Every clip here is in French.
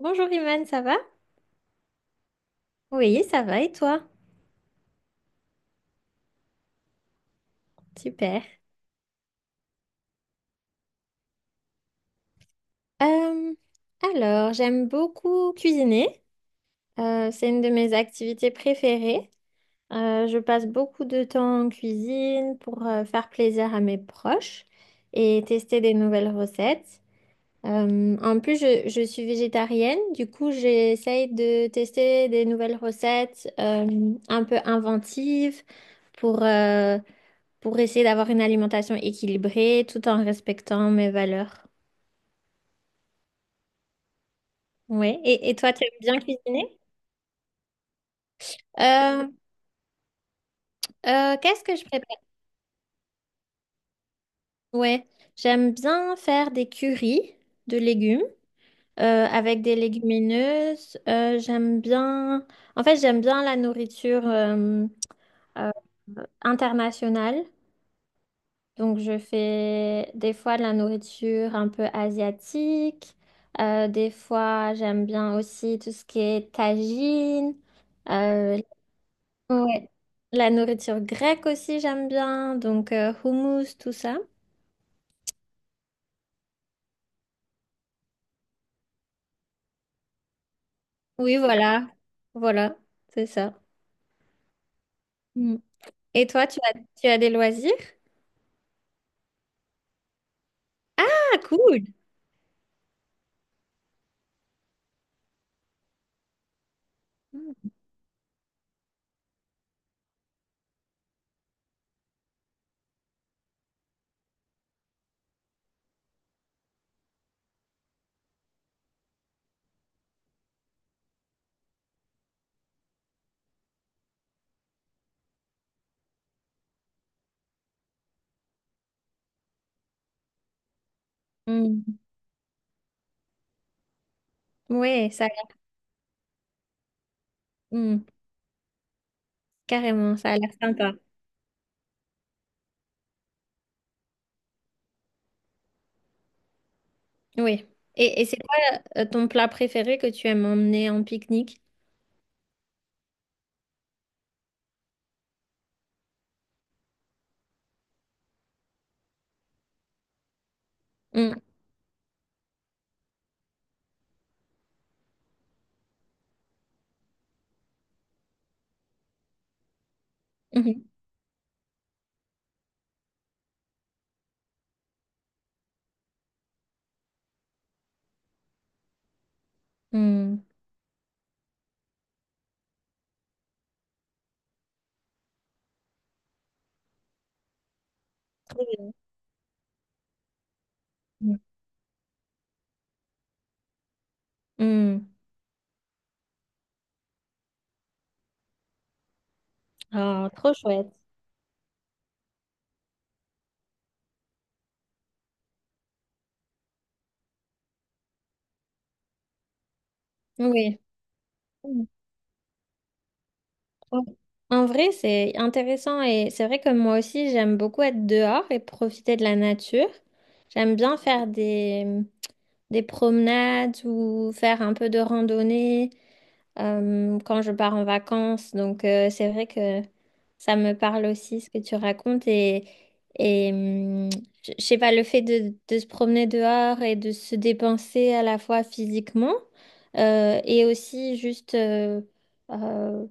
Bonjour Imane, ça va? Oui, ça va et toi? Super. Euh, J'aime beaucoup cuisiner. C'est une de mes activités préférées. Je passe beaucoup de temps en cuisine pour faire plaisir à mes proches et tester des nouvelles recettes. En plus, je suis végétarienne, du coup, j'essaye de tester des nouvelles recettes un peu inventives pour, euh, pour essayer d'avoir une alimentation équilibrée tout en respectant mes valeurs. Ouais. Et toi, tu aimes bien cuisiner? Euh, Qu'est-ce que je prépare? Ouais, j'aime bien faire des currys de légumes avec des légumineuses. J'aime bien, en fait, j'aime bien la nourriture euh, internationale. Donc, je fais des fois de la nourriture un peu asiatique. Des fois, j'aime bien aussi tout ce qui est tagine. Euh, ouais. La nourriture grecque aussi, j'aime bien. Donc, hummus, tout ça. Oui, voilà. Voilà, c'est ça. Mm. Et toi, tu as des loisirs? Ah, cool! Mm. Ouais, ça a l'air- mm, carrément, ça a l'air sympa. Oui. Et c'est quoi ton plat préféré que tu aimes emmener en pique-nique? Mm, mhm, mm. Trop bien. Mm. Ah, trop chouette. Oui. En en vrai, c'est intéressant et c'est vrai que moi aussi, j'aime beaucoup être dehors et profiter de la nature. J'aime bien faire des promenades ou faire un peu de randonnée quand je pars en vacances. Donc, c'est vrai que ça me parle aussi ce que tu racontes. Et hum, je sais pas, le fait de se promener dehors et de se dépenser à la fois physiquement et aussi juste. Euh,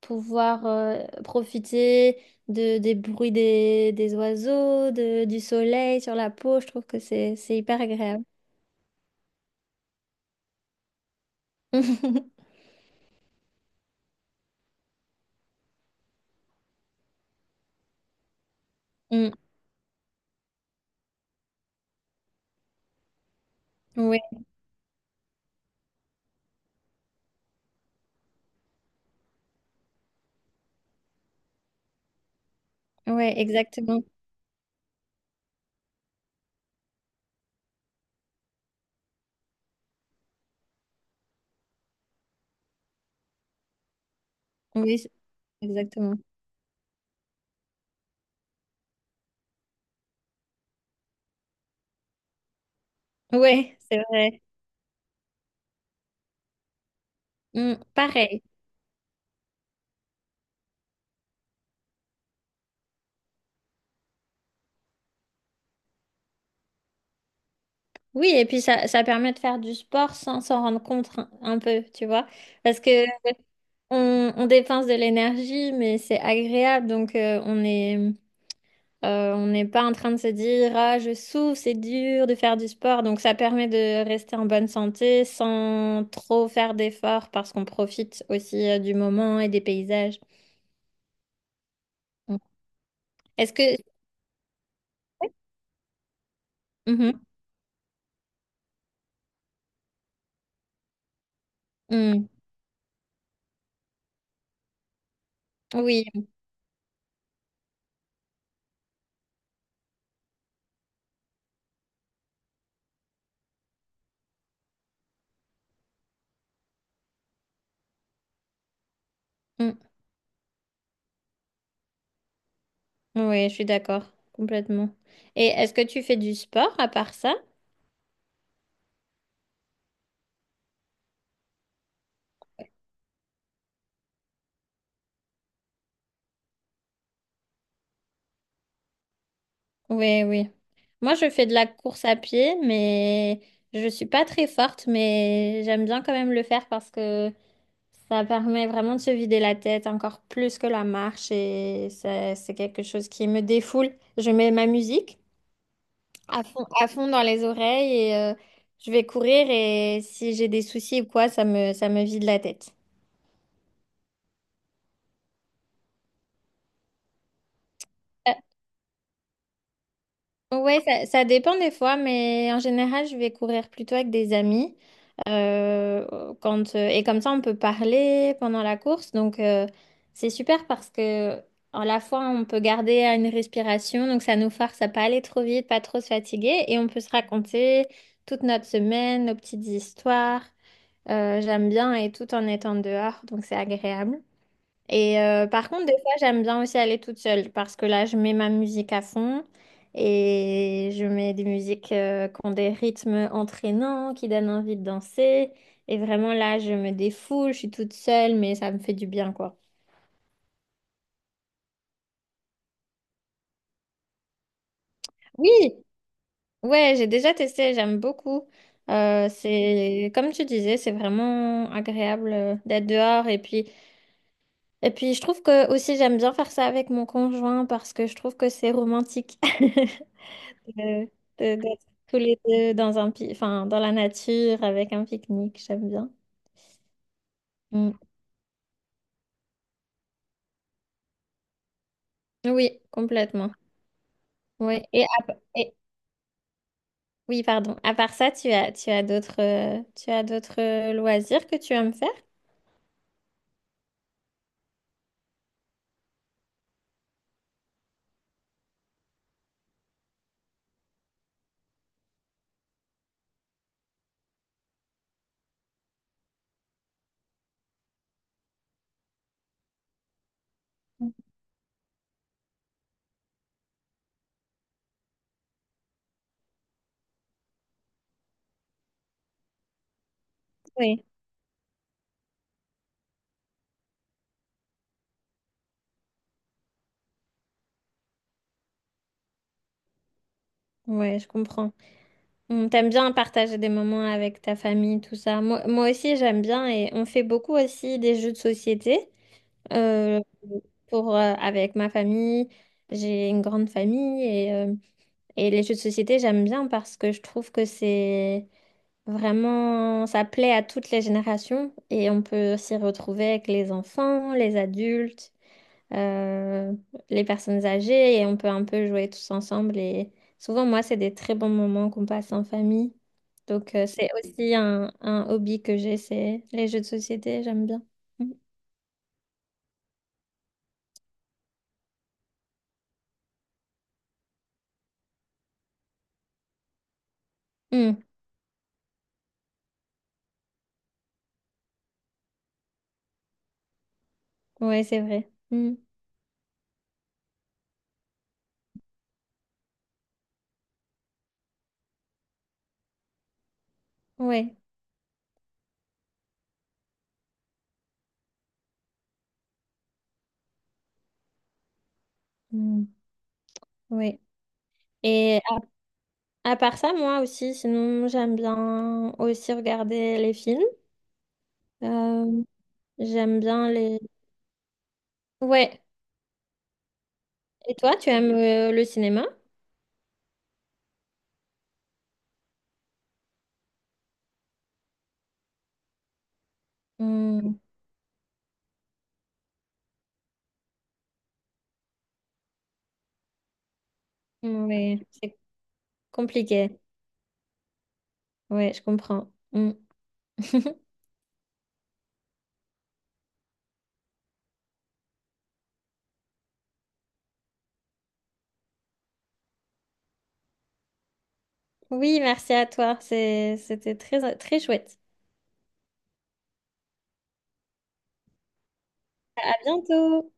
pouvoir profiter de, des bruits des oiseaux, de, du soleil sur la peau. Je trouve que c'est hyper agréable. Mm. Oui, ouais, exactement. Oui, c'est- exactement. Oui, c'est vrai. Mm, pareil. Oui, et puis ça permet de faire du sport sans s'en rendre compte un peu, tu vois. Parce que on dépense de l'énergie, mais c'est agréable, donc on est... on n'est pas en train de se dire, ah, je souffre, c'est dur de faire du sport. Donc, ça permet de rester en bonne santé sans trop faire d'efforts parce qu'on profite aussi du moment et des paysages. Mm. Est-ce que... Mhm. Mm. Oui, Mm. Oui, je suis d'accord, complètement. Et est-ce que tu fais du sport à part ça? Oui, oui. Moi, je fais de la course à pied, mais je suis pas très forte, mais j'aime bien quand même le faire parce que ça permet vraiment de se vider la tête encore plus que la marche et ça- c'est quelque chose qui me défoule. Je mets ma musique à fond dans les oreilles et je vais courir et si j'ai des soucis ou quoi, ça me vide la tête. Ouais, ça dépend des fois, mais en général, je vais courir plutôt avec des amis. Et comme ça, on peut parler pendant la course. Donc, c'est super parce que à la fois, on peut garder une respiration. Donc, ça nous force à pas aller trop vite, pas trop se fatiguer. Et on peut se raconter toute notre semaine, nos petites histoires. J'aime bien et tout en étant dehors. Donc, c'est agréable. Et par contre, des fois, j'aime bien aussi aller toute seule parce que là, je mets ma musique à fond et je mets des musiques qui ont des rythmes entraînants, qui donnent envie de danser. Et vraiment, là, je me défoule, je suis toute seule, mais ça me fait du bien, quoi. Oui, ouais, j'ai déjà testé, j'aime beaucoup. C'est comme tu disais, c'est vraiment agréable d'être dehors et puis je trouve que aussi j'aime bien faire ça avec mon conjoint parce que je trouve que c'est romantique. de, d'être tous les deux dans enfin, dans la nature avec un pique-nique, j'aime bien. Mm. Oui, complètement. Oui. Oui, pardon. À part ça, tu as d'autres loisirs que tu aimes faire? Oui. Oui, je comprends. On t'aime bien partager des moments avec ta famille, tout ça. Moi, moi aussi, j'aime bien et on fait beaucoup aussi des jeux de société euh, avec ma famille. J'ai une grande famille et les jeux de société, j'aime bien parce que je trouve que c'est vraiment, ça plaît à toutes les générations et on peut s'y retrouver avec les enfants, les adultes euh, les personnes âgées et on peut un peu jouer tous ensemble. Et souvent, moi, c'est des très bons moments qu'on passe en famille. Donc, c'est aussi un hobby que j'ai, c'est les jeux de société, j'aime bien. Mm. Mm. Ouais, c'est vrai. Mm. Ouais. Mm. Ouais. Et à part ça, moi aussi, sinon, j'aime bien aussi regarder les films. Euh, j'aime bien les... Ouais. Et toi, tu aimes le cinéma? Mm. Ouais, c'est compliqué. Ouais, je comprends. Mm. Oui, merci à toi. C'est- c'était très, très chouette. À bientôt.